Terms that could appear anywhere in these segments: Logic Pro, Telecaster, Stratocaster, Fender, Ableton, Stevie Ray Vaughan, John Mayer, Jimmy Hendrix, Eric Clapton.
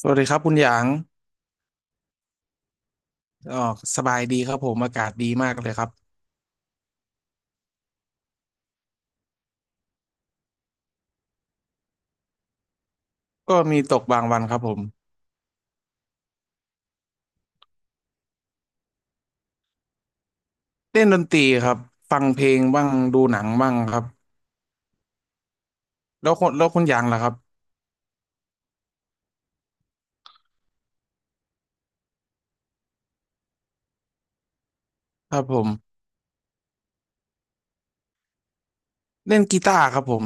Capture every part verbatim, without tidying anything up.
สวัสดีครับคุณหยางอ๋อสบายดีครับผมอากาศดีมากเลยครับก็มีตกบางวันครับผม เล่นดนตรีครับ ฟังเพลงบ้าง ดูหนังบ้างครับแล้วคนแล้วคุณหยางล่ะครับครับผมเล่นกีตาร์ครับผม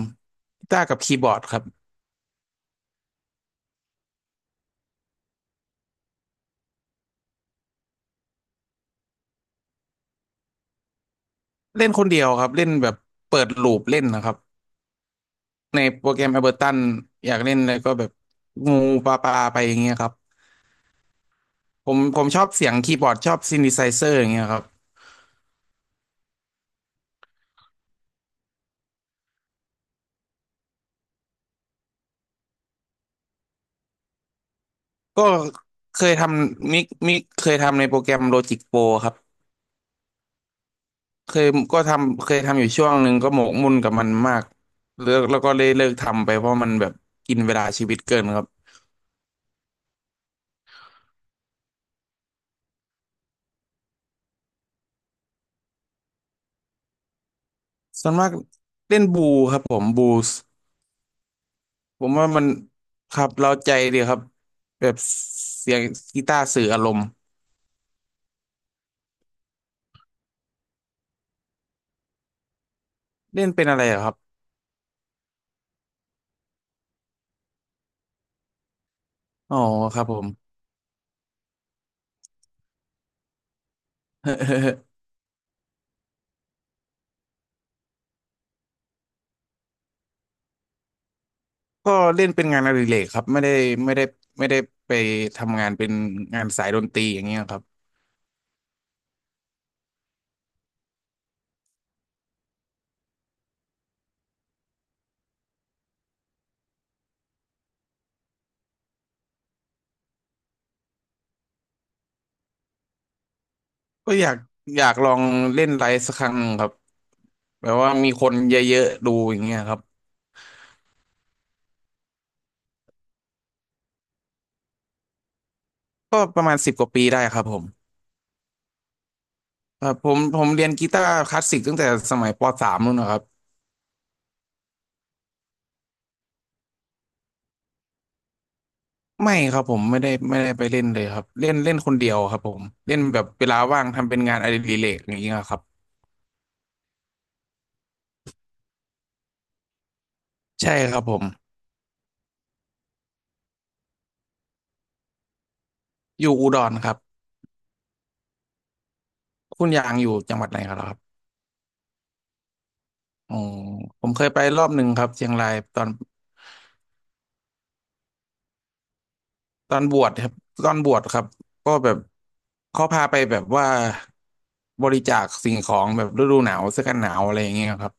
กีตาร์กับคีย์บอร์ดครับเล่นคนเดียวครับเล่นแบบเปิดลูปเล่นนะครับในโปรแกรม Ableton อยากเล่นอะไรก็แบบงูปลาปลาไปอย่างเงี้ยครับผมผมชอบเสียงคีย์บอร์ดชอบซิน t ิไซเซอร์อย่างเงี้ยครับก็เคยทำมิกมิกเคยทำในโปรแกรม Logic Pro ครับ เคยก็ทำเคยทำอยู่ช่วงหนึ่งก็หมกมุ่นกับมันมากเลิกแล้วก็เลยเลิกทำไปเพราะมันแบบกินเวลาชีวิตเกินครับส่วนมากเล่นบูครับผมบูสผมว่ามันครับเราใจดีครับแบบเสียงกีตาร์สื่ออารมณ์เล่นเป็นอะไรเหรอครับอ๋อครับผม ก็เล่นเป็นงานอดิเรกครับไม่ได้ไม่ได้ไม่ได้ไปทำงานเป็นงานสายดนตรีอย่างเงี้ยครับ ก็อยากอยากลองเล่นไลฟ์สักครั้งครับแบบว่ามีคนเยอะๆดูอย่างเงี้ยครับก็ประมาณสิบกว่าปีได้ครับผมครับผมผมเรียนกีตาร์คลาสสิกตั้งแต่สมัยปสามนู่นนะครับไม่ครับผมไม่ได้ไม่ได้ไปเล่นเลยครับเล่นเล่นคนเดียวครับผมเล่นแบบเวลาว่างทำเป็นงานอดิเรกอย่างเงี้ยครับใช่ครับผมอยู่อุดรครับคุณยางอยู่จังหวัดไหนครับอ๋อผมเคยไปรอบหนึ่งครับเชียงรายตอน ตอนบวชครับตอนบวชครับก็แบบเขาพาไปแบบว่าบริจาคสิ่งของแบบฤดูหนาวเสื้อกันหนาวอะไรอย่างเงี้ยครับ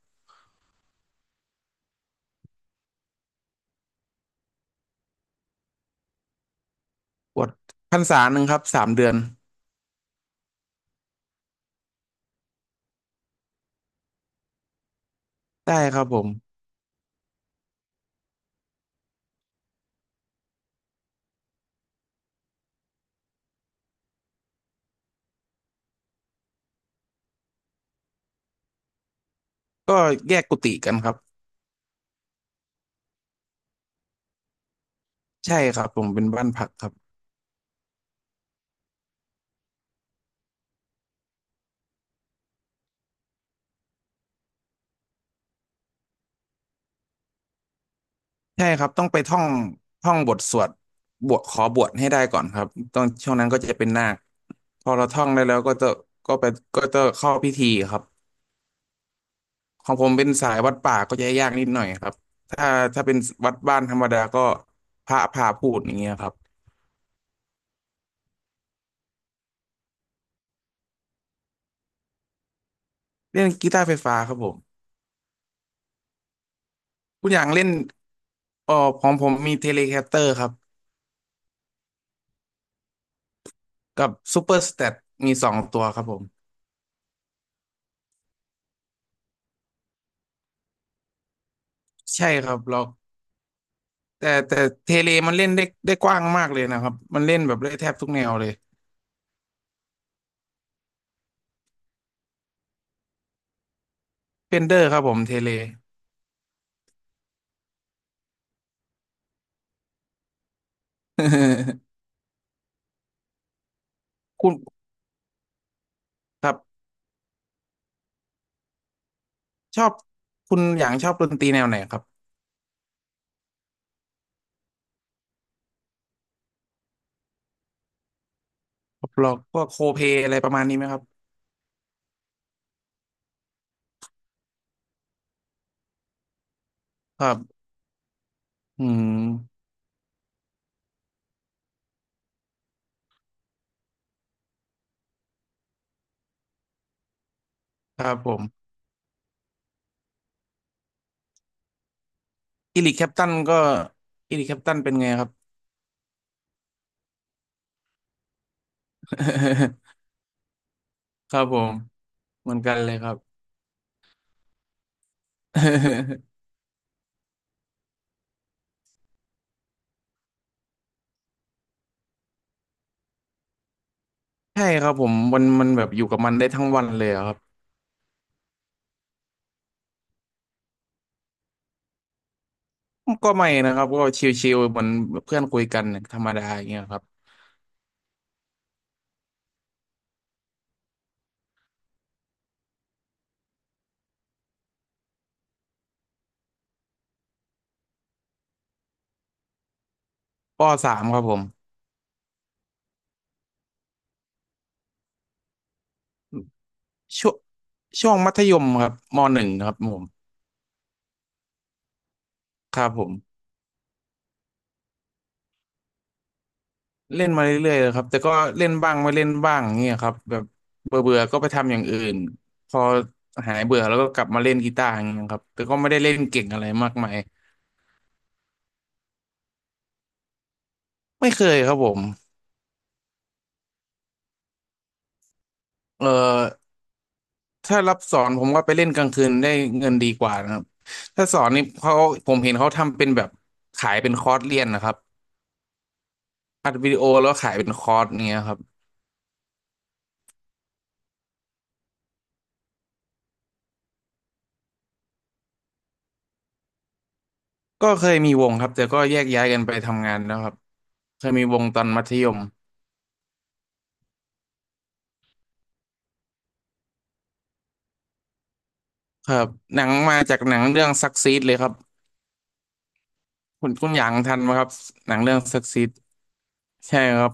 บวชพรรษาหนึ่งครับสามเดือนได้ครับผมก็แยกกุฏิกันครับใช่ครับผมเป็นบ้านพักครับใช่ครับต้องไปท่องท่องบทสวดบวชขอบวชให้ได้ก่อนครับตอนช่วงนั้นก็จะเป็นนาคพอเราท่องได้แล้วก็จะก็ไปก็จะเข้าพิธีครับ ของผมเป็นสายวัดป่าก็จะยากนิดหน่อยครับถ้าถ้าเป็นวัดบ้านธรรมดาก็พระพาพูดอย่างเงี้ยครับเล่นกีตาร์ไฟฟ้าครับผมคุณอย่างเล่นเอ๋อของผมมีเทเลแคสเตอร์ครับกับซูเปอร์สเตตมีสองตัวครับผมใช่ครับแล้แต่แต่เทเลมันเล่นได้ได้กว้างมากเลยนะครับมันเล่นแบบได้แทบทุกแนวเลยเฟนเดอร์ครับผมเทเล คุณครับชอบคุณอย่างชอบดนตรีแนวไหนครับร็อกพวกโคเพลอะไรประมาณนี้ไหมครับครับอืม ครับผมอิริกแคปตันก็อิริกแคปตันเป็นไงครับ ครับผมเหมือนกันเลยครับ ใช่ครับผมมันมันแบบอยู่กับมันได้ทั้งวันเลยอะครับก็ไม่นะครับก็ชิลๆเหมือนเพื่อนคุยกันธรรมดาอย่างเงี้ยครับปสามครับผมช่วงช่วงมัธยมครับมหนึ่งครับผมครับผม เล่นมาเรื่อยๆเลยครับแต่ก็เล่นบ้างไม่เล่นบ้างเงี้ยครับแบบเบื่อเบื่อก็ไปทำอย่างอื่นพอหายเบื่อแล้วก็กลับมาเล่นกีตาร์อย่างเงี้ยครับแต่ก็ไม่ได้เล่นเก่งอะไรมากมายไม่เคยครับผมเอ่อถ้ารับสอนผมว่าไปเล่นกลางคืนได้เงินดีกว่านะครับถ้าสอนนี่เขาผมเห็นเขาทำเป็นแบบขายเป็นคอร์สเรียนนะครับอัดวิดีโอแล้วขายเป็นคอร์สเงี้ยครับก็เคยมีวงครับแต่ก็แยกย้ายกันไปทำงานแล้วครับเคยมีวงตอนมัธยม ครับหนังมาจากหนังเรื่องซักซีดเลยครับคุณคุณหยางทันไหมครับหนังเรื่องซักซีดใช่ครับ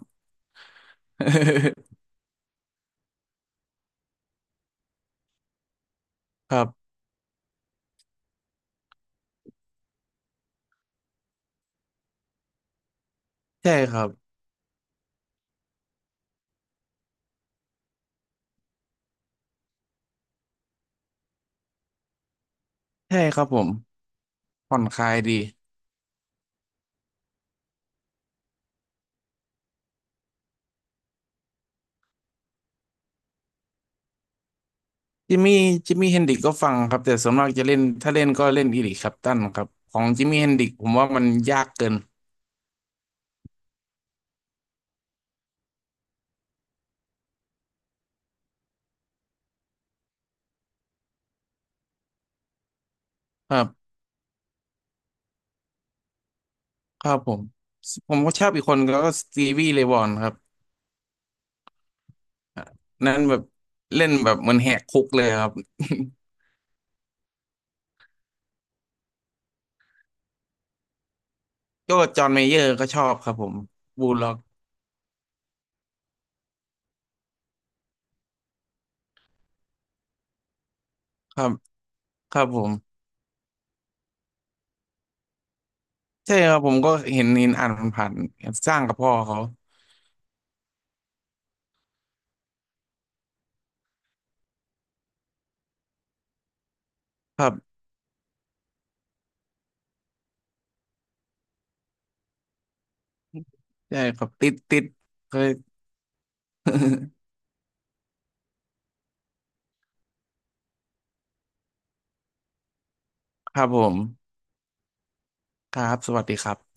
ครับใช่ครับใช่ครับผมผ่อนคลายดีจิมมี่จิมมี่เฮนดริกก็ฟังครับแต่ส่วนมากจะเล่นถ้าเล่นก็เล่นอีริคแคลปตันครับของจิมมี่เฮนดริกผมว่ามันยากเกินครับครับผมผมก็ชอบอีกคนก็สตีวีเลย์วอนครับนั้นแบบเล่นแบบเหมันแหกคุกเลยครับ ก็จอห์นเมเยอร์ก็ชอบครับผมบูลล็อกครับครับผม ใช่ครับผมก็เห็นเห็นอ่านผ่านๆสร้างกับพ่อเขาครับใช่ครับติดติดเคย ครับผมครับสวัสดีครับ